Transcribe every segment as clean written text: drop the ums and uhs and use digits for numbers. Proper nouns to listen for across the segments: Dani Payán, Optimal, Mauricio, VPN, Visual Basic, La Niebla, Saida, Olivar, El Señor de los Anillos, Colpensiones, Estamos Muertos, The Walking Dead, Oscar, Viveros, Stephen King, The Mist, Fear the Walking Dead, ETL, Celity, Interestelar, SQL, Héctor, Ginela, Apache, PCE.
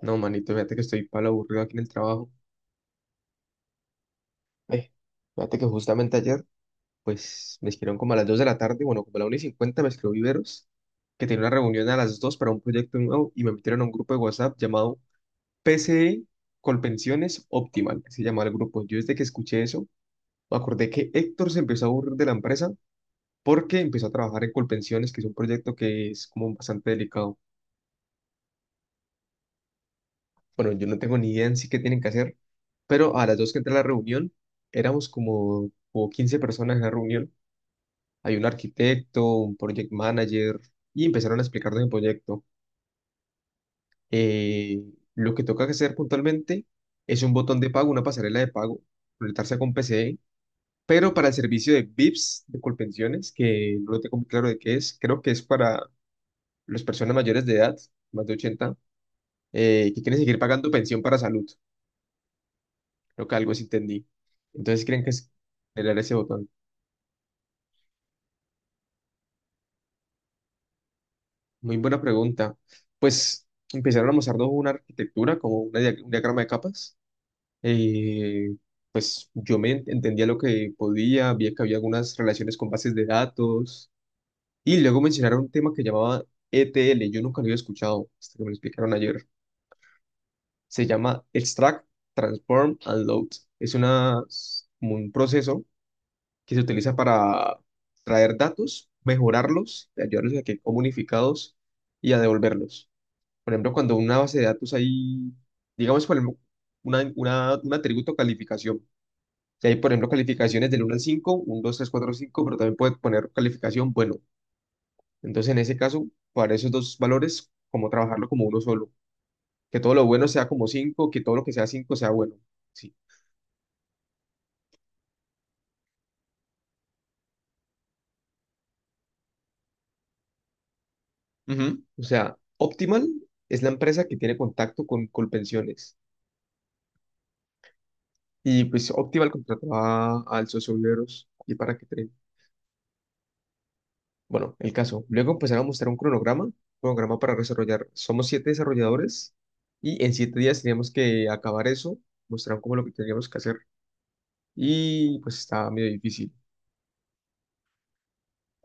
No, manito, fíjate que estoy palo aburrido aquí en el trabajo. Eh, fíjate que justamente ayer, pues me escribieron como a las 2 de la tarde, bueno, como a la 1:50 me escribió Viveros, que tenía una reunión a las 2 para un proyecto nuevo y me metieron a un grupo de WhatsApp llamado PCE Colpensiones Optimal, que se llama el grupo. Yo desde que escuché eso, me acordé que Héctor se empezó a aburrir de la empresa porque empezó a trabajar en Colpensiones, que es un proyecto que es como bastante delicado. Bueno, yo no tengo ni idea en sí qué tienen que hacer, pero a las 2 que entré a la reunión, éramos como 15 personas en la reunión. Hay un arquitecto, un project manager, y empezaron a explicarnos el proyecto. Eh, lo que toca hacer puntualmente es un botón de pago, una pasarela de pago, conectarse con PCE, pero para el servicio de VIPs, de Colpensiones, que no lo tengo muy claro de qué es, creo que es para las personas mayores de edad, más de 80 que quieren seguir pagando pensión para salud. Creo que algo sí entendí. Entonces, ¿creen que es generar ese botón? Muy buena pregunta. Pues empezaron a mostrarnos una arquitectura, como una un diagrama de capas. Eh, pues yo entendía lo que podía, vi que había algunas relaciones con bases de datos. Y luego mencionaron un tema que llamaba ETL. Yo nunca lo había escuchado hasta que me lo explicaron ayer. Se llama Extract, Transform and Load. Es una, como un proceso que se utiliza para traer datos, mejorarlos, ayudarlos a que comunicados y a devolverlos. Por ejemplo, cuando una base de datos hay, digamos, por ejemplo, un atributo calificación. Si hay, por ejemplo, calificaciones del uno al cinco, uno dos tres cuatro cinco, pero también puede poner calificación bueno. Entonces, en ese caso, para esos dos valores, como trabajarlo como uno solo. Que todo lo bueno sea como 5, que todo lo que sea 5 sea bueno. Sí. Ujú. O sea, Optimal es la empresa que tiene contacto con Colpensiones. Y pues Optimal contrató al socio Viveros y para que Bueno, el caso. Luego empezaron a mostrar un cronograma, cronograma para desarrollar. Somos 7 desarrolladores y en 7 días teníamos que acabar eso. Mostraron como lo que teníamos que hacer y pues estaba medio difícil.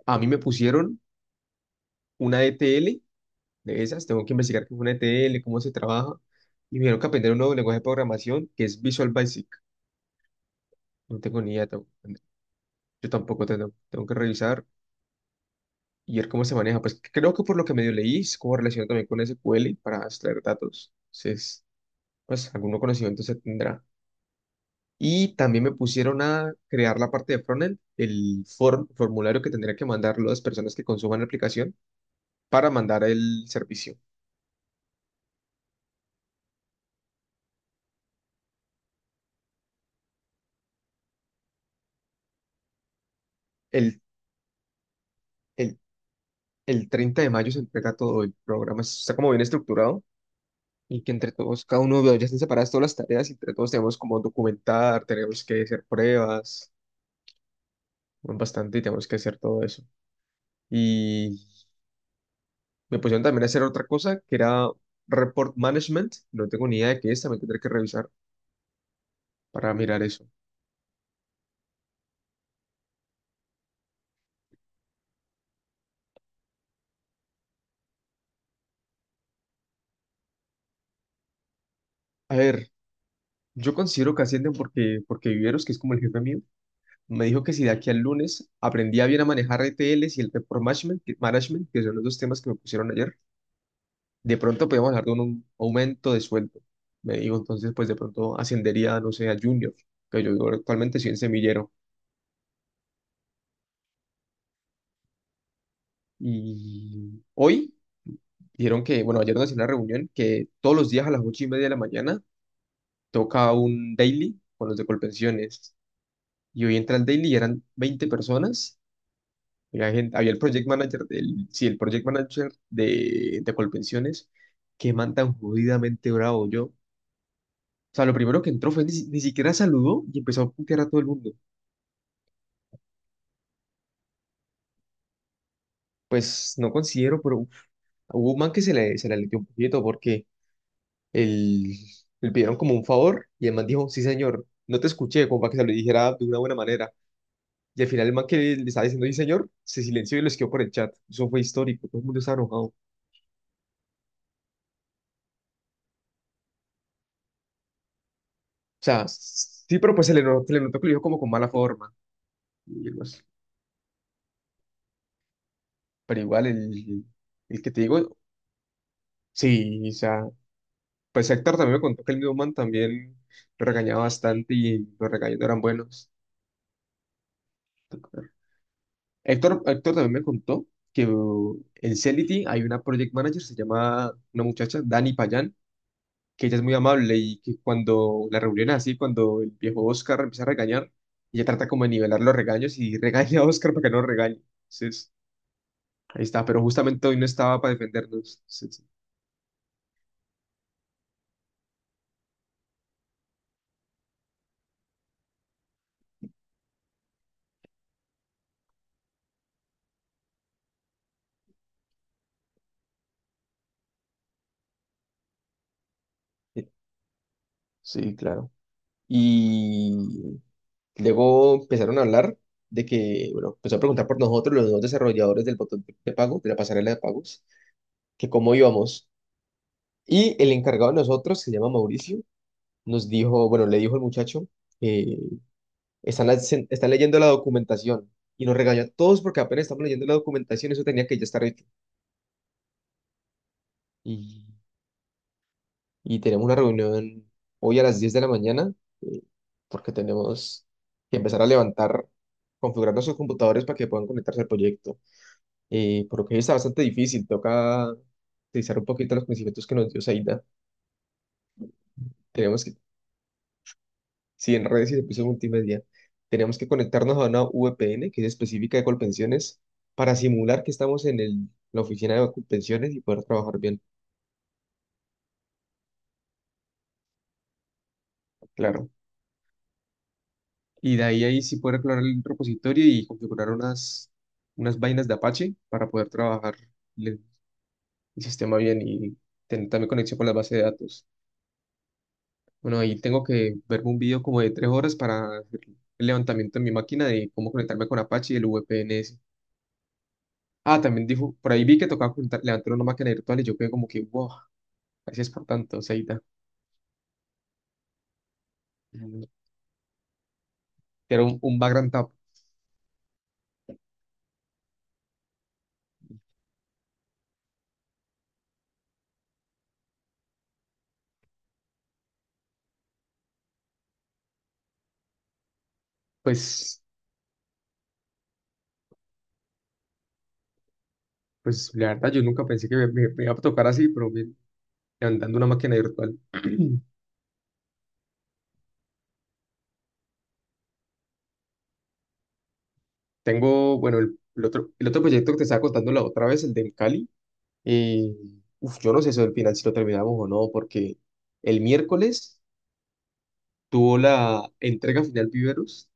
A mí me pusieron una ETL de esas, tengo que investigar qué es una ETL, cómo se trabaja y me dijeron que aprender un nuevo lenguaje de programación que es Visual Basic. No tengo ni idea, yo tampoco tengo, tengo que revisar. ¿Y él cómo se maneja? Pues creo que por lo que medio leí, es como relación también con SQL para extraer datos. Entonces, pues algún conocimiento se tendrá. Y también me pusieron a crear la parte de frontend, el formulario que tendría que mandar las personas que consuman la aplicación para mandar el servicio. El, el, el 30 de mayo se entrega todo el programa, está como bien estructurado y que entre todos, cada uno ya están separadas todas las tareas y entre todos tenemos como documentar, tenemos que hacer pruebas, bueno, bastante y tenemos que hacer todo eso. Y me pusieron también a hacer otra cosa que era report management. No tengo ni idea de qué es, también tendré que revisar para mirar eso. A ver, yo considero que ascienden porque, porque Viveros, que es como el jefe mío, me dijo que si de aquí al lunes aprendía bien a manejar RTLs y el report management, que son los dos temas que me pusieron ayer, de pronto podíamos hablar de un aumento de sueldo. Me dijo, entonces, pues de pronto ascendería, no sé, a junior, que yo actualmente soy en semillero. Y hoy dijeron que, bueno, ayer nos hicieron una reunión que todos los días a las 8:30 de la mañana toca un daily con los de Colpensiones. Y hoy entra al daily y eran 20 personas. Había había el project manager del, sí, el project manager de Colpensiones, que man tan jodidamente bravo yo. O sea, lo primero que entró fue ni, ni siquiera saludó y empezó a putear a todo el mundo. Pues no considero, pero uf, hubo un man que se le aleteó un poquito porque el, le pidieron como un favor y el man dijo, sí, señor, no te escuché, como para que se lo dijera de una buena manera. Y al final el man que le estaba diciendo, sí, señor, se silenció y lo escribió por el chat. Eso fue histórico, todo el mundo estaba enojado. O sea, sí, pero pues se le notó que lo dijo como con mala forma. Y algo así. Pero igual, el que te digo, sí, o sea, pues Héctor también me contó que el mismo man también lo regañaba bastante y los regaños no eran buenos. Héctor, Héctor también me contó que en Celity hay una project manager, se llama una muchacha, Dani Payán, que ella es muy amable y que cuando la reunión es así, cuando el viejo Oscar empieza a regañar, ella trata como de nivelar los regaños y regaña a Oscar para que no lo regañe. Entonces, ahí está, pero justamente hoy no estaba para defendernos. Sí, sí. Sí, sí, claro. Y luego empezaron a hablar de que, bueno, empezó a preguntar por nosotros, los dos desarrolladores del botón de pago, de la pasarela de pagos, que cómo íbamos. Y el encargado de nosotros, que se llama Mauricio, nos dijo, bueno, le dijo al muchacho, eh, están leyendo la documentación y nos regañó a todos porque apenas estamos leyendo la documentación, eso tenía que ya estar hecho. Y, y tenemos una reunión hoy a las 10 de la mañana eh, porque tenemos que empezar a levantar, configurar nuestros computadores para que puedan conectarse al proyecto. Por lo que está bastante difícil, toca utilizar un poquito los conocimientos que nos dio Saida. Tenemos que Sí, en redes y servicios multimedia. Tenemos que conectarnos a una VPN que es específica de Colpensiones para simular que estamos en la oficina de Colpensiones y poder trabajar bien. Claro. Y de ahí, ahí sí poder explorar el repositorio y configurar unas vainas de Apache para poder trabajar el, el sistema bien y tener también conexión con la base de datos. Bueno, ahí tengo que verme un video como de 3 horas para hacer el levantamiento en mi máquina de cómo conectarme con Apache y el VPN. Ah, también dijo, por ahí vi que tocaba juntar, levantar una máquina virtual y yo quedé como que, wow, gracias por tanto, Seita. Mm. Era un background tap. Pues, pues la verdad, yo nunca pensé que me iba a tocar así, pero bien, levantando una máquina virtual. Tengo, bueno, el otro proyecto que te estaba contando la otra vez, el del Cali. eh, uf, yo no sé eso del final si lo terminamos o no, porque el miércoles tuvo la entrega final Viveros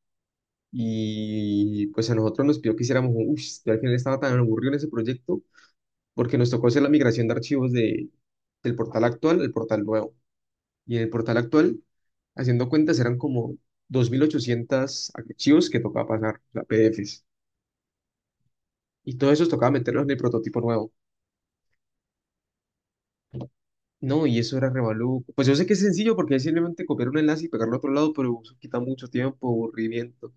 y pues a nosotros nos pidió que hiciéramos un, uff, yo al final estaba tan aburrido en ese proyecto porque nos tocó hacer la migración de archivos del portal actual al portal nuevo. Y en el portal actual, haciendo cuentas, eran como 2.800 archivos que tocaba pasar, o sea, PDFs. Y todo eso tocaba meterlos en el prototipo nuevo. No, y eso era revalú. Pues yo sé que es sencillo porque es simplemente copiar un enlace y pegarlo a otro lado, pero eso quita mucho tiempo, aburrimiento.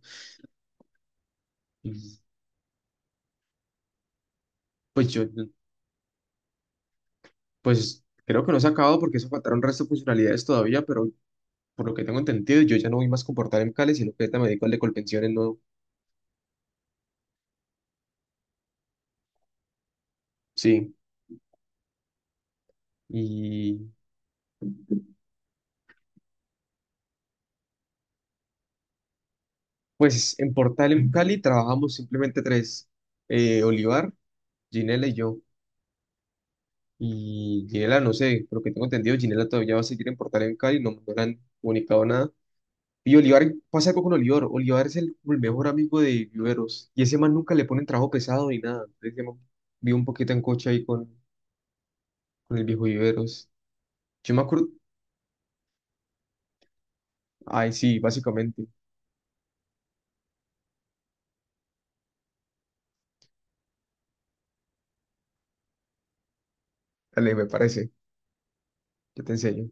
Y pues pues creo que no se ha acabado porque eso faltaron resto de funcionalidades todavía, pero por lo que tengo entendido, yo ya no voy más con portal en Cali, sino que ahorita me dedico al de Colpensiones, no. Sí. Y pues en Portal en Cali trabajamos simplemente tres, Olivar, Ginela y yo. Y Ginela, no sé, por lo que tengo entendido, Ginela todavía va a seguir en Portal en Cali, no, no le han comunicado nada. Y Olivar, pasa algo con Olivar, Olivar es como el mejor amigo de Viveros, y ese man nunca le ponen trabajo pesado ni nada. Entonces yo vivo un poquito en coche ahí con el viejo Viveros. Yo me acuerdo, ay sí, básicamente, dale, me parece, yo te enseño.